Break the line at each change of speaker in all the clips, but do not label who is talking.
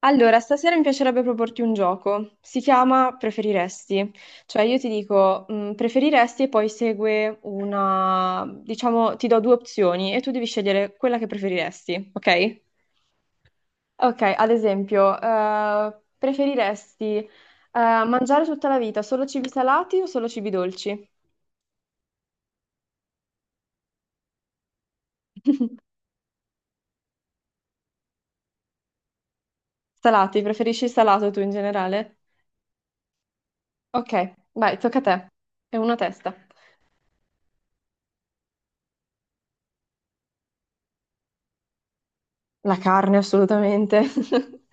Allora, stasera mi piacerebbe proporti un gioco. Si chiama Preferiresti. Cioè io ti dico preferiresti e poi segue una, diciamo, ti do due opzioni e tu devi scegliere quella che preferiresti, ok? Ok, ad esempio, preferiresti mangiare tutta la vita solo cibi salati o solo cibi dolci? Salati, preferisci il salato tu in generale? Ok, vai, tocca a te. È una testa. La carne, assolutamente.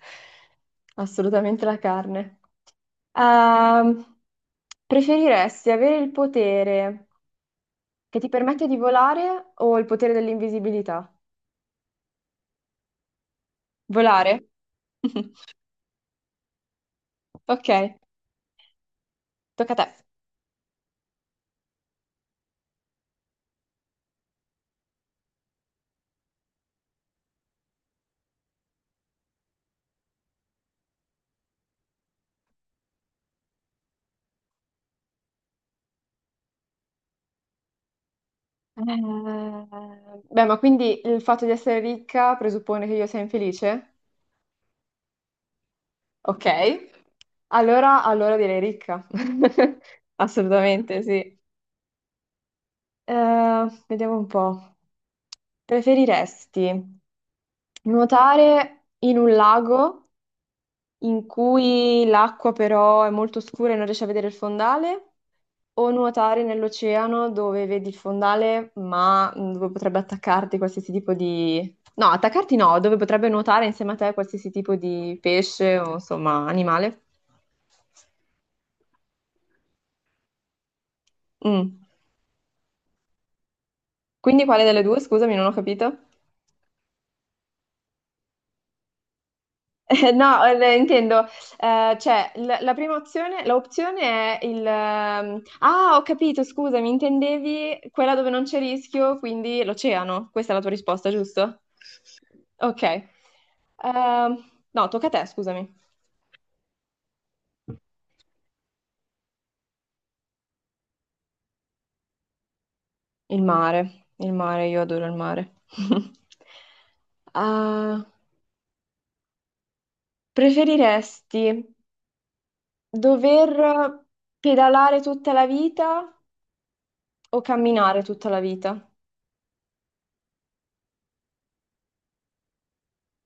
Assolutamente la carne. Ehm, preferiresti avere il potere che ti permette di volare o il potere dell'invisibilità? Volare? Ok, tocca a te. Eh, beh, ma quindi il fatto di essere ricca presuppone che io sia infelice? Ok, allora direi ricca. Assolutamente, sì. Vediamo un po'. Preferiresti nuotare in un lago in cui l'acqua però è molto scura e non riesci a vedere il fondale, o nuotare nell'oceano dove vedi il fondale, ma dove potrebbe attaccarti qualsiasi tipo di... No, attaccarti no, dove potrebbe nuotare insieme a te qualsiasi tipo di pesce o insomma animale. Mm. Quindi quale delle due? Scusami, non ho capito. No, intendo, cioè, la prima opzione, l'opzione è il... ah, ho capito, scusami, intendevi quella dove non c'è rischio, quindi l'oceano. Questa è la tua risposta, giusto? Ok. No, tocca a te, scusami. Il mare, io adoro il mare. Ah, preferiresti dover pedalare tutta la vita o camminare tutta la vita?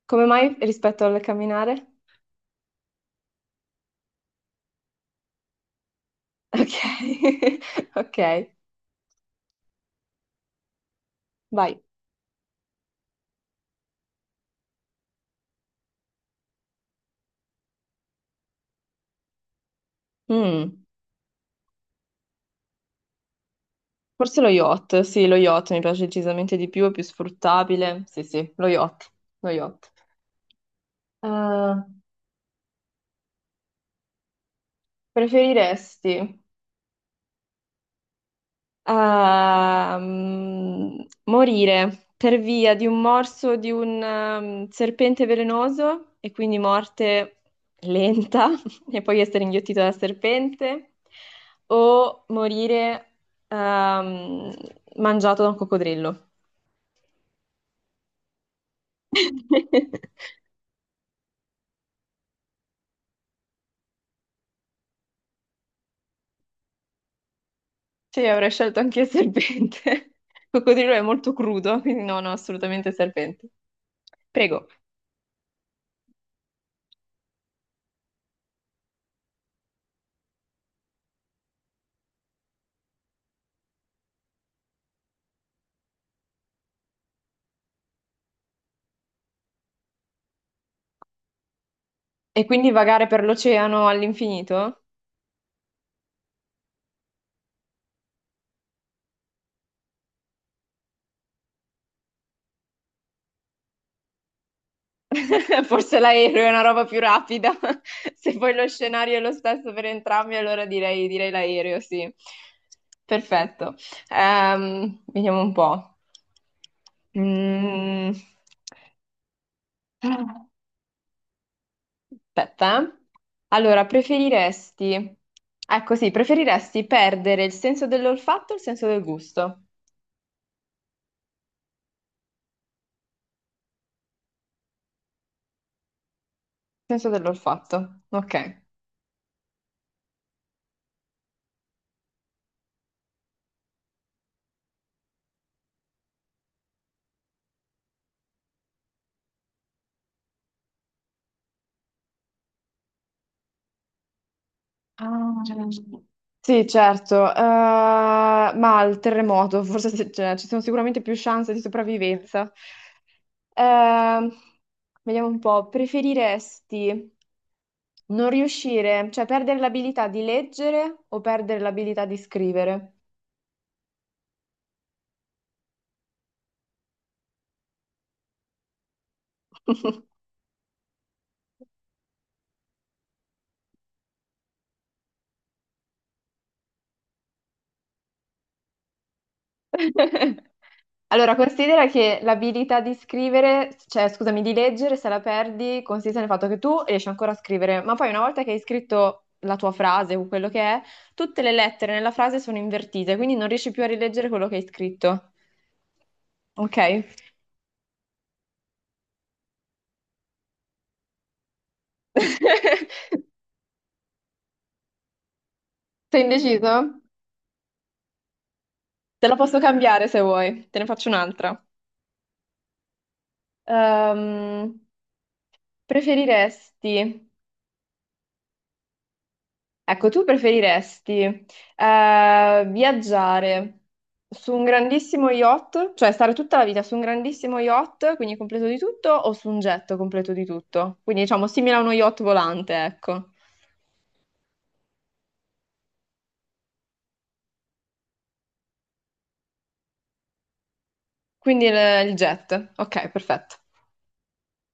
Come mai rispetto al camminare? Ok, ok, vai. Mm, forse lo yacht, sì, lo yacht mi piace decisamente di più, è più sfruttabile. Sì, sì, lo yacht, lo yacht. Eh, preferiresti a mm, morire per via di un morso di un serpente velenoso e quindi morte lenta e poi essere inghiottito dal serpente o morire ehm, mangiato da un coccodrillo. Sì, avrei scelto anche il serpente. Il coccodrillo è molto crudo, quindi no, no, assolutamente serpente. Prego. E quindi vagare per l'oceano all'infinito? Forse l'aereo è una roba più rapida. Se poi lo scenario è lo stesso per entrambi, allora direi, direi l'aereo, sì. Perfetto. Vediamo un po'. Mm. Aspetta, eh. Allora, preferiresti... Ecco sì, preferiresti perdere il senso dell'olfatto o il senso del gusto? Il senso dell'olfatto, ok. Ah, sì, certo, ma il terremoto, forse cioè, ci sono sicuramente più chance di sopravvivenza. Ehm, vediamo un po', preferiresti non riuscire, cioè perdere l'abilità di leggere o perdere l'abilità di scrivere? Allora, considera che l'abilità di scrivere, cioè scusami, di leggere, se la perdi, consiste nel fatto che tu riesci ancora a scrivere, ma poi una volta che hai scritto la tua frase o quello che è, tutte le lettere nella frase sono invertite, quindi non riesci più a rileggere quello che hai scritto. Ok? Sei indeciso? Te la posso cambiare se vuoi, te ne faccio un'altra. Ehm, preferiresti ecco, tu preferiresti viaggiare su un grandissimo yacht, cioè stare tutta la vita su un grandissimo yacht, quindi completo di tutto, o su un jet completo di tutto? Quindi diciamo simile a uno yacht volante, ecco. Quindi il jet. Ok, perfetto.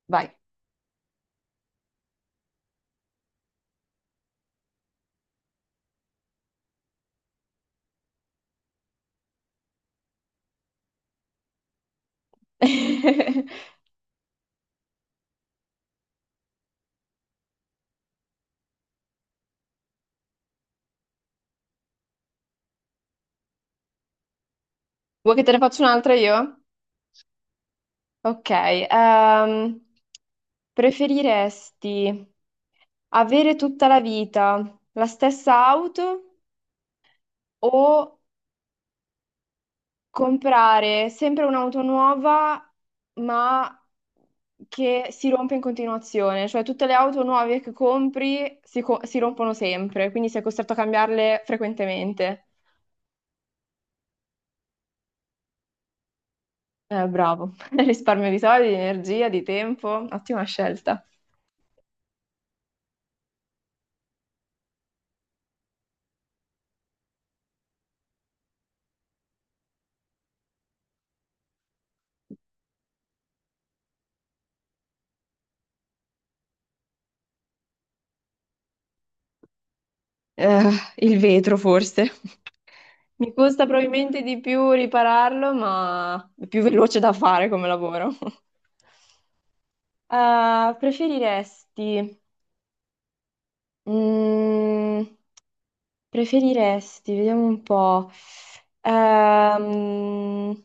Vai. Vuoi che te ne faccia un'altra io? Ok. Preferiresti avere tutta la vita la stessa auto? O comprare sempre un'auto nuova, ma che si rompe in continuazione, cioè tutte le auto nuove che compri si rompono sempre, quindi sei costretto a cambiarle frequentemente. Bravo, risparmio di soldi, di energia, di tempo, ottima scelta. Eh, il vetro forse. Mi costa probabilmente di più ripararlo, ma è più veloce da fare come lavoro. Preferiresti mm, preferiresti, vediamo un po'. Ehm,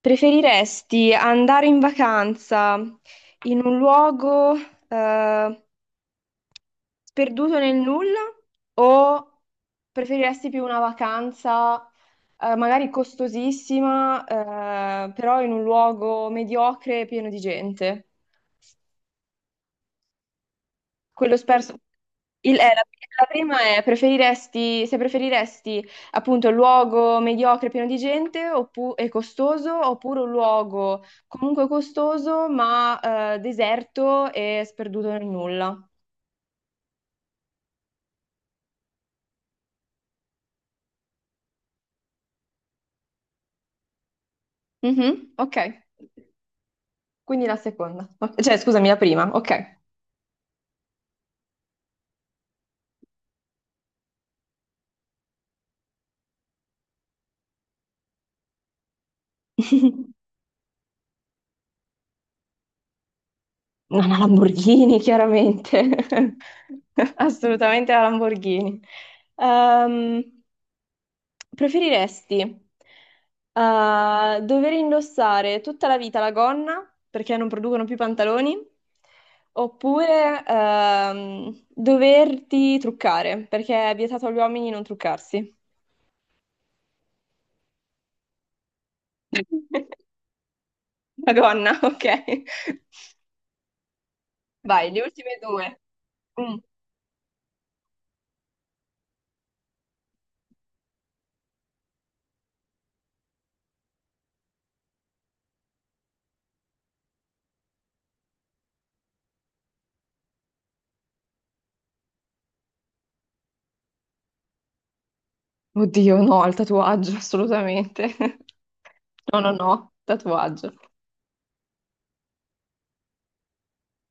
preferiresti andare in vacanza in un luogo eh, sperduto nel nulla o preferiresti più una vacanza magari costosissima, però in un luogo mediocre e pieno di gente? Quello sperso. Il- eh, la, la prima è preferiresti, se preferiresti appunto un luogo mediocre pieno di gente e costoso oppure un luogo comunque costoso ma deserto e sperduto nel nulla. Mhm, ok, quindi la seconda. Ok, cioè, scusami, la prima, ok. No, una Lamborghini, chiaramente. Assolutamente la Lamborghini. Ehm, Preferiresti dover indossare tutta la vita la gonna perché non producono più pantaloni oppure doverti truccare perché è vietato agli uomini non truccarsi? La gonna, ok. Vai, le ultime due. Mm. Oddio, no, al tatuaggio, assolutamente. No, no, no, tatuaggio.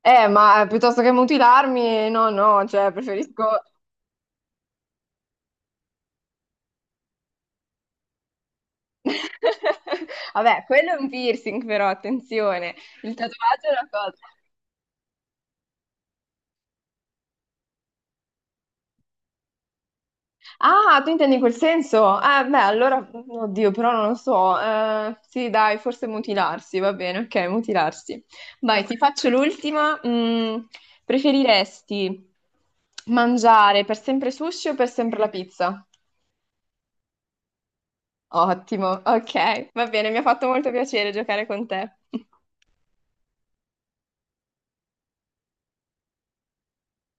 Ma piuttosto che mutilarmi, no, no, cioè preferisco... Vabbè, quello è un piercing però, attenzione, il tatuaggio è una cosa. Ah, tu intendi quel senso? Beh, allora, oddio, però non lo so. Sì, dai, forse mutilarsi, va bene, ok, mutilarsi. Vai, ti faccio l'ultima. Mm, preferiresti mangiare per sempre sushi o per sempre la pizza? Ottimo, ok, va bene, mi ha fatto molto piacere giocare con te.